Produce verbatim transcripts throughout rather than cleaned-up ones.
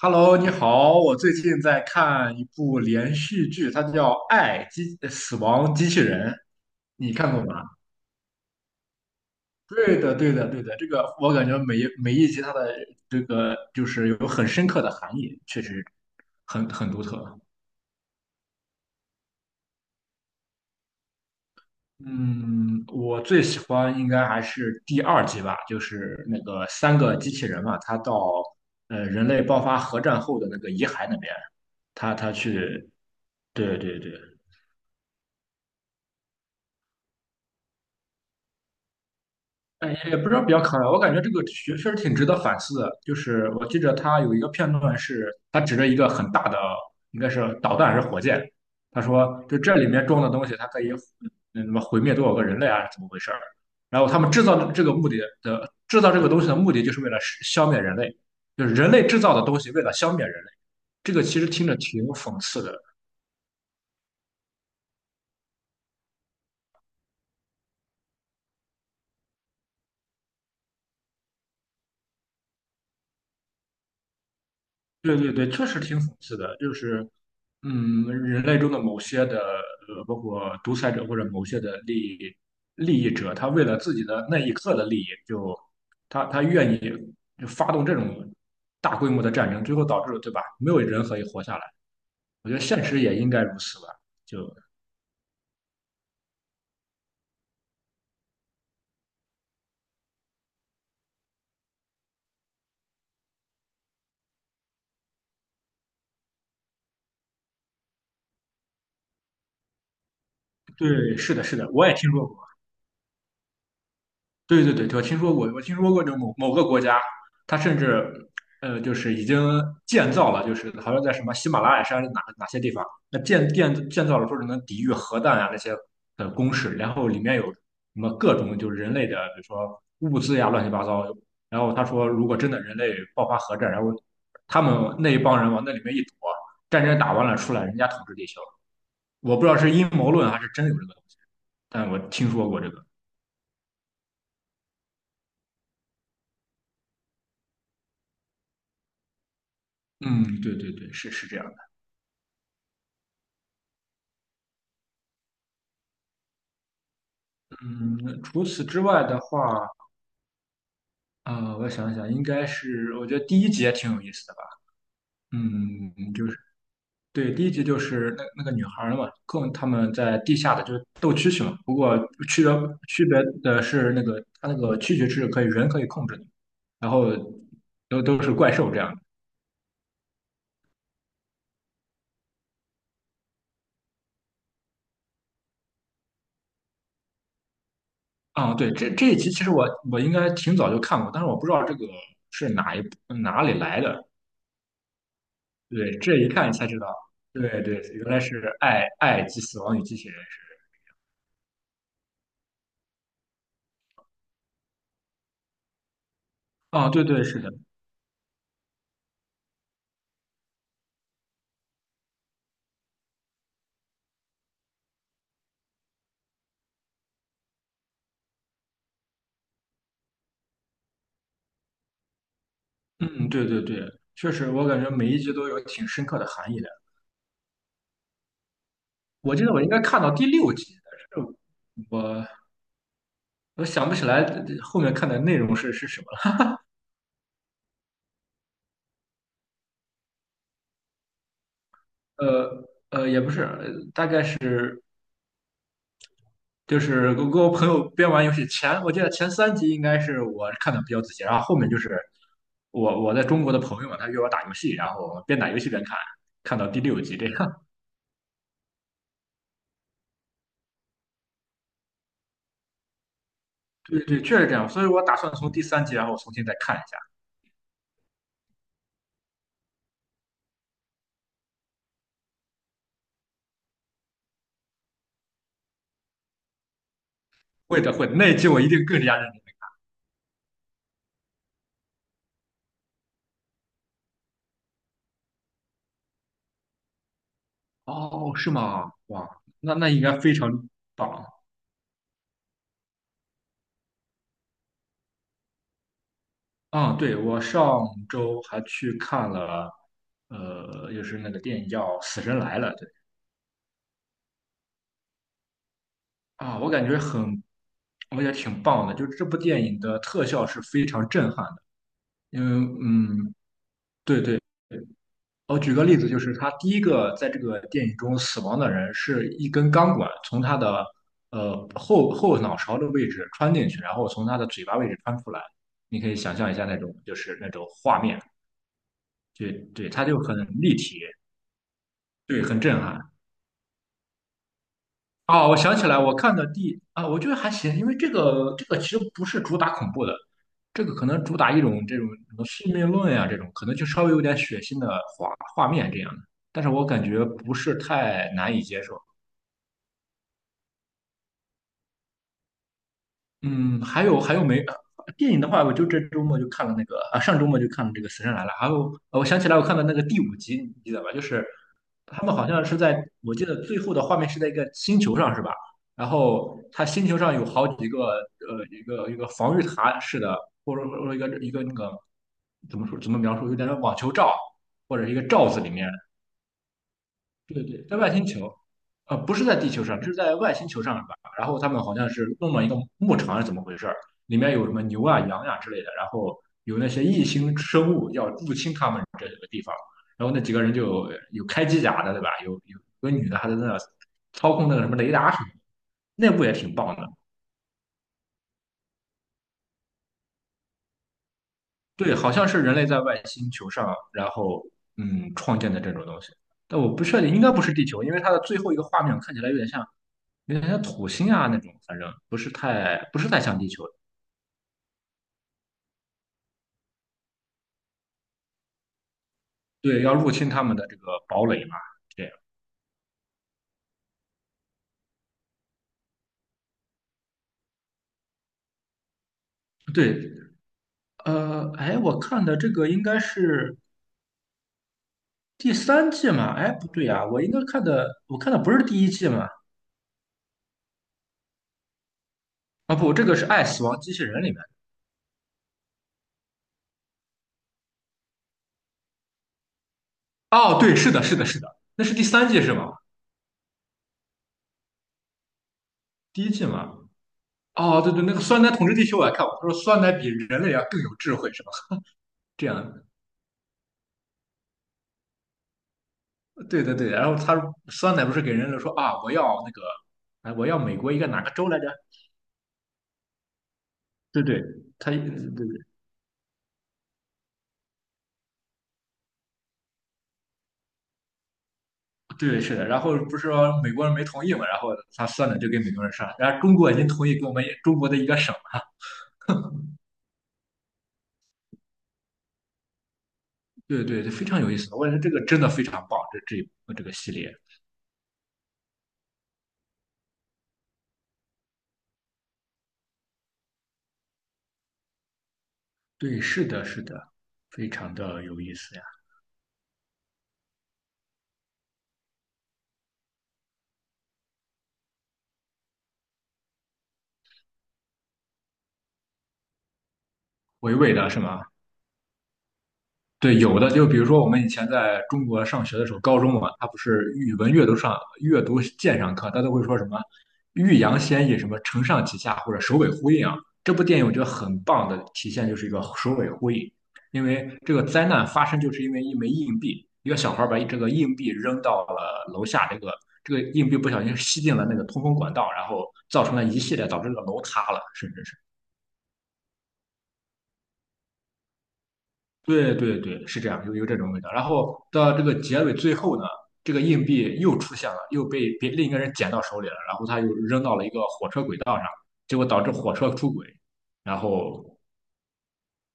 Hello，你好，我最近在看一部连续剧，它叫《爱机呃死亡机器人》，你看过吗？对的，对的，对的，这个我感觉每一每一集它的这个就是有很深刻的含义，确实很很独特。嗯，我最喜欢应该还是第二集吧，就是那个三个机器人嘛，他到呃人类爆发核战后的那个遗骸那边，他他去，对对对。哎，也不知道比较可爱，我感觉这个确确实挺值得反思的。就是我记着他有一个片段是，他指着一个很大的，应该是导弹还是火箭，他说就这里面装的东西，它可以嗯什么毁灭多少个人类啊，怎么回事儿？然后他们制造这个目的的制造这个东西的目的，就是为了消灭人类，就是人类制造的东西为了消灭人类。这个其实听着挺讽刺的。对对对，确实挺讽刺的，就是，嗯，人类中的某些的，呃，包括独裁者或者某些的利益利益者，他为了自己的那一刻的利益，就他他愿意就发动这种大规模的战争，最后导致了对吧？没有人可以活下来。我觉得现实也应该如此吧。就对，是的，是的，我也听说过。对对对，我听说过，我听说过就某某个国家，它甚至呃，就是已经建造了，就是好像在什么喜马拉雅山哪哪些地方，那建建建造了说是能抵御核弹啊那些的工事，然后里面有什么各种就是人类的，比如说物资呀乱七八糟。然后他说，如果真的人类爆发核战，然后他们那一帮人往那里面一躲，战争打完了出来，人家统治地球。我不知道是阴谋论还是真有这个东西，但我听说过这个。嗯，对对对，是是这样。嗯，除此之外的话，呃，我想想，应该是我觉得第一集也挺有意思的吧。嗯，就是对，第一集就是那那个女孩儿嘛，跟他们在地下的就是斗蛐蛐嘛。不过区别区别的是那个它那个蛐蛐是可以人可以控制的，然后都都是怪兽这样的。啊、对，这这一集其实我我应该挺早就看过，但是我不知道这个是哪一部哪里来的。对，这一看才知道，对对，原来是爱《爱及死亡与机器人》。哦，对对，是的，嗯，对对对，确实，我感觉每一集都有挺深刻的含义的。我记得我应该看到第六集，但是我我想不起来后面看的内容是是什么了。呃呃，也不是，呃大概是就是我跟我朋友边玩游戏前，我记得前三集应该是我看的比较仔细，然后后面就是我我在中国的朋友嘛，他约我打游戏，然后我们边打游戏边看，看到第六集这样。对对，确实这样，所以我打算从第三集然后重新再看一下。会的，会的，那一集我一定更加认真。哦，是吗？哇，那那应该非常棒啊！对，我上周还去看了，呃，就是那个电影叫《死神来了》，对啊，我感觉很，我觉得挺棒的，就这部电影的特效是非常震撼的，因为嗯，对对。我举个例子，就是他第一个在这个电影中死亡的人，是一根钢管从他的呃后后脑勺的位置穿进去，然后从他的嘴巴位置穿出来。你可以想象一下那种就是那种画面，对对，他就很立体，对，很震撼。啊！我想起来，我看的第啊，我觉得还行，因为这个这个其实不是主打恐怖的，这个可能主打一种这种什么宿命论呀、这种可能就稍微有点血腥的画画面这样的，但是我感觉不是太难以接受。嗯，还有还有没电影的话，我就这周末就看了那个啊，上周末就看了这个《死神来了》，还有呃我想起来我看了那个第五集，你记得吧？就是他们好像是在，我记得最后的画面是在一个星球上，是吧？然后他星球上有好几个呃一个一个防御塔似的，或者说一个一个那个怎么说怎么描述，有点像网球罩或者一个罩子里面。对对，在外星球，呃，不是在地球上，这是在外星球上吧？然后他们好像是弄了一个牧场，是怎么回事儿？里面有什么牛啊、羊呀、之类的，然后有那些异星生物要入侵他们这个地方，然后那几个人就有有开机甲的，对吧？有有有个女的还在那操控那个什么雷达什么的，那部也挺棒的。对，好像是人类在外星球上，然后嗯创建的这种东西，但我不确定，应该不是地球，因为它的最后一个画面看起来有点像。有点像土星啊那种，反正不是太不是太像地球。对，要入侵他们的这个堡垒嘛，这样。对，呃，哎，我看的这个应该是第三季嘛？哎，不对呀、我应该看的，我看的不是第一季嘛？啊，不，这个是《爱死亡机器人》里面。哦，对，是的，是的，是的，那是第三季是吗？第一季嘛？哦，对对，那个酸奶统治地球我也看过，他说酸奶比人类要更有智慧是吧？这样，对对对，然后他酸奶不是给人类说啊，我要那个，哎，我要美国一个哪个州来着？对对，他对对是的，然后不是说美国人没同意嘛，然后他算了就给美国人算了，然后中国已经同意给我们中国的一个省了，对对，对非常有意思，我感觉这个真的非常棒，这这一部这个系列，对，是的，是的，非常的有意思呀，娓娓的是吗？对，有的就比如说我们以前在中国上学的时候，高中嘛，它不是语文阅读上阅读鉴赏课，它都会说什么"欲扬先抑"，什么"承上启下"或者"首尾呼应"啊。这部电影我觉得很棒的体现就是一个首尾呼应，因为这个灾难发生就是因为一枚硬币，一个小孩把这个硬币扔到了楼下，这个这个硬币不小心吸进了那个通风管道，然后造成了一系列导致这个楼塌了，甚至是。对对对，是这样，有有这种味道。然后到这个结尾最后呢，这个硬币又出现了，又被别另一个人捡到手里了，然后他又扔到了一个火车轨道上，结果导致火车出轨。然后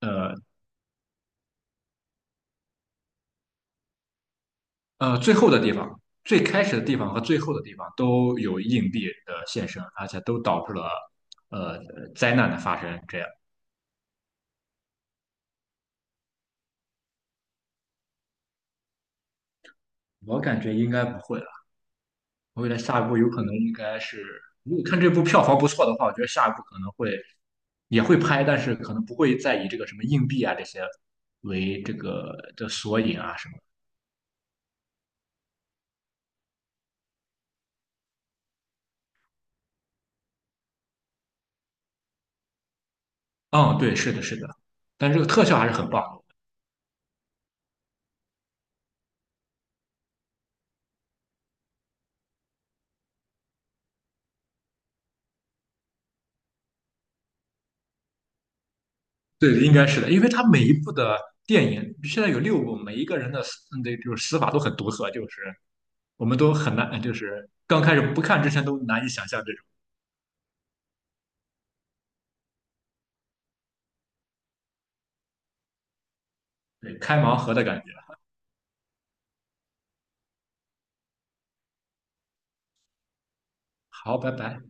呃呃，最后的地方，最开始的地方和最后的地方都有硬币的现身，而且都导致了呃灾难的发生。这样，我感觉应该不会了。我觉得下一步有可能应该是，如果看这部票房不错的话，我觉得下一步可能会也会拍，但是可能不会再以这个什么硬币啊这些为这个的索引啊什么。嗯，对，是的，是的，但这个特效还是很棒的。对，应该是的，因为它每一部的电影现在有六部，每一个人的死那就是死法都很独特，就是我们都很难，就是刚开始不看之前都难以想象这种对开盲盒的感觉。好，拜拜。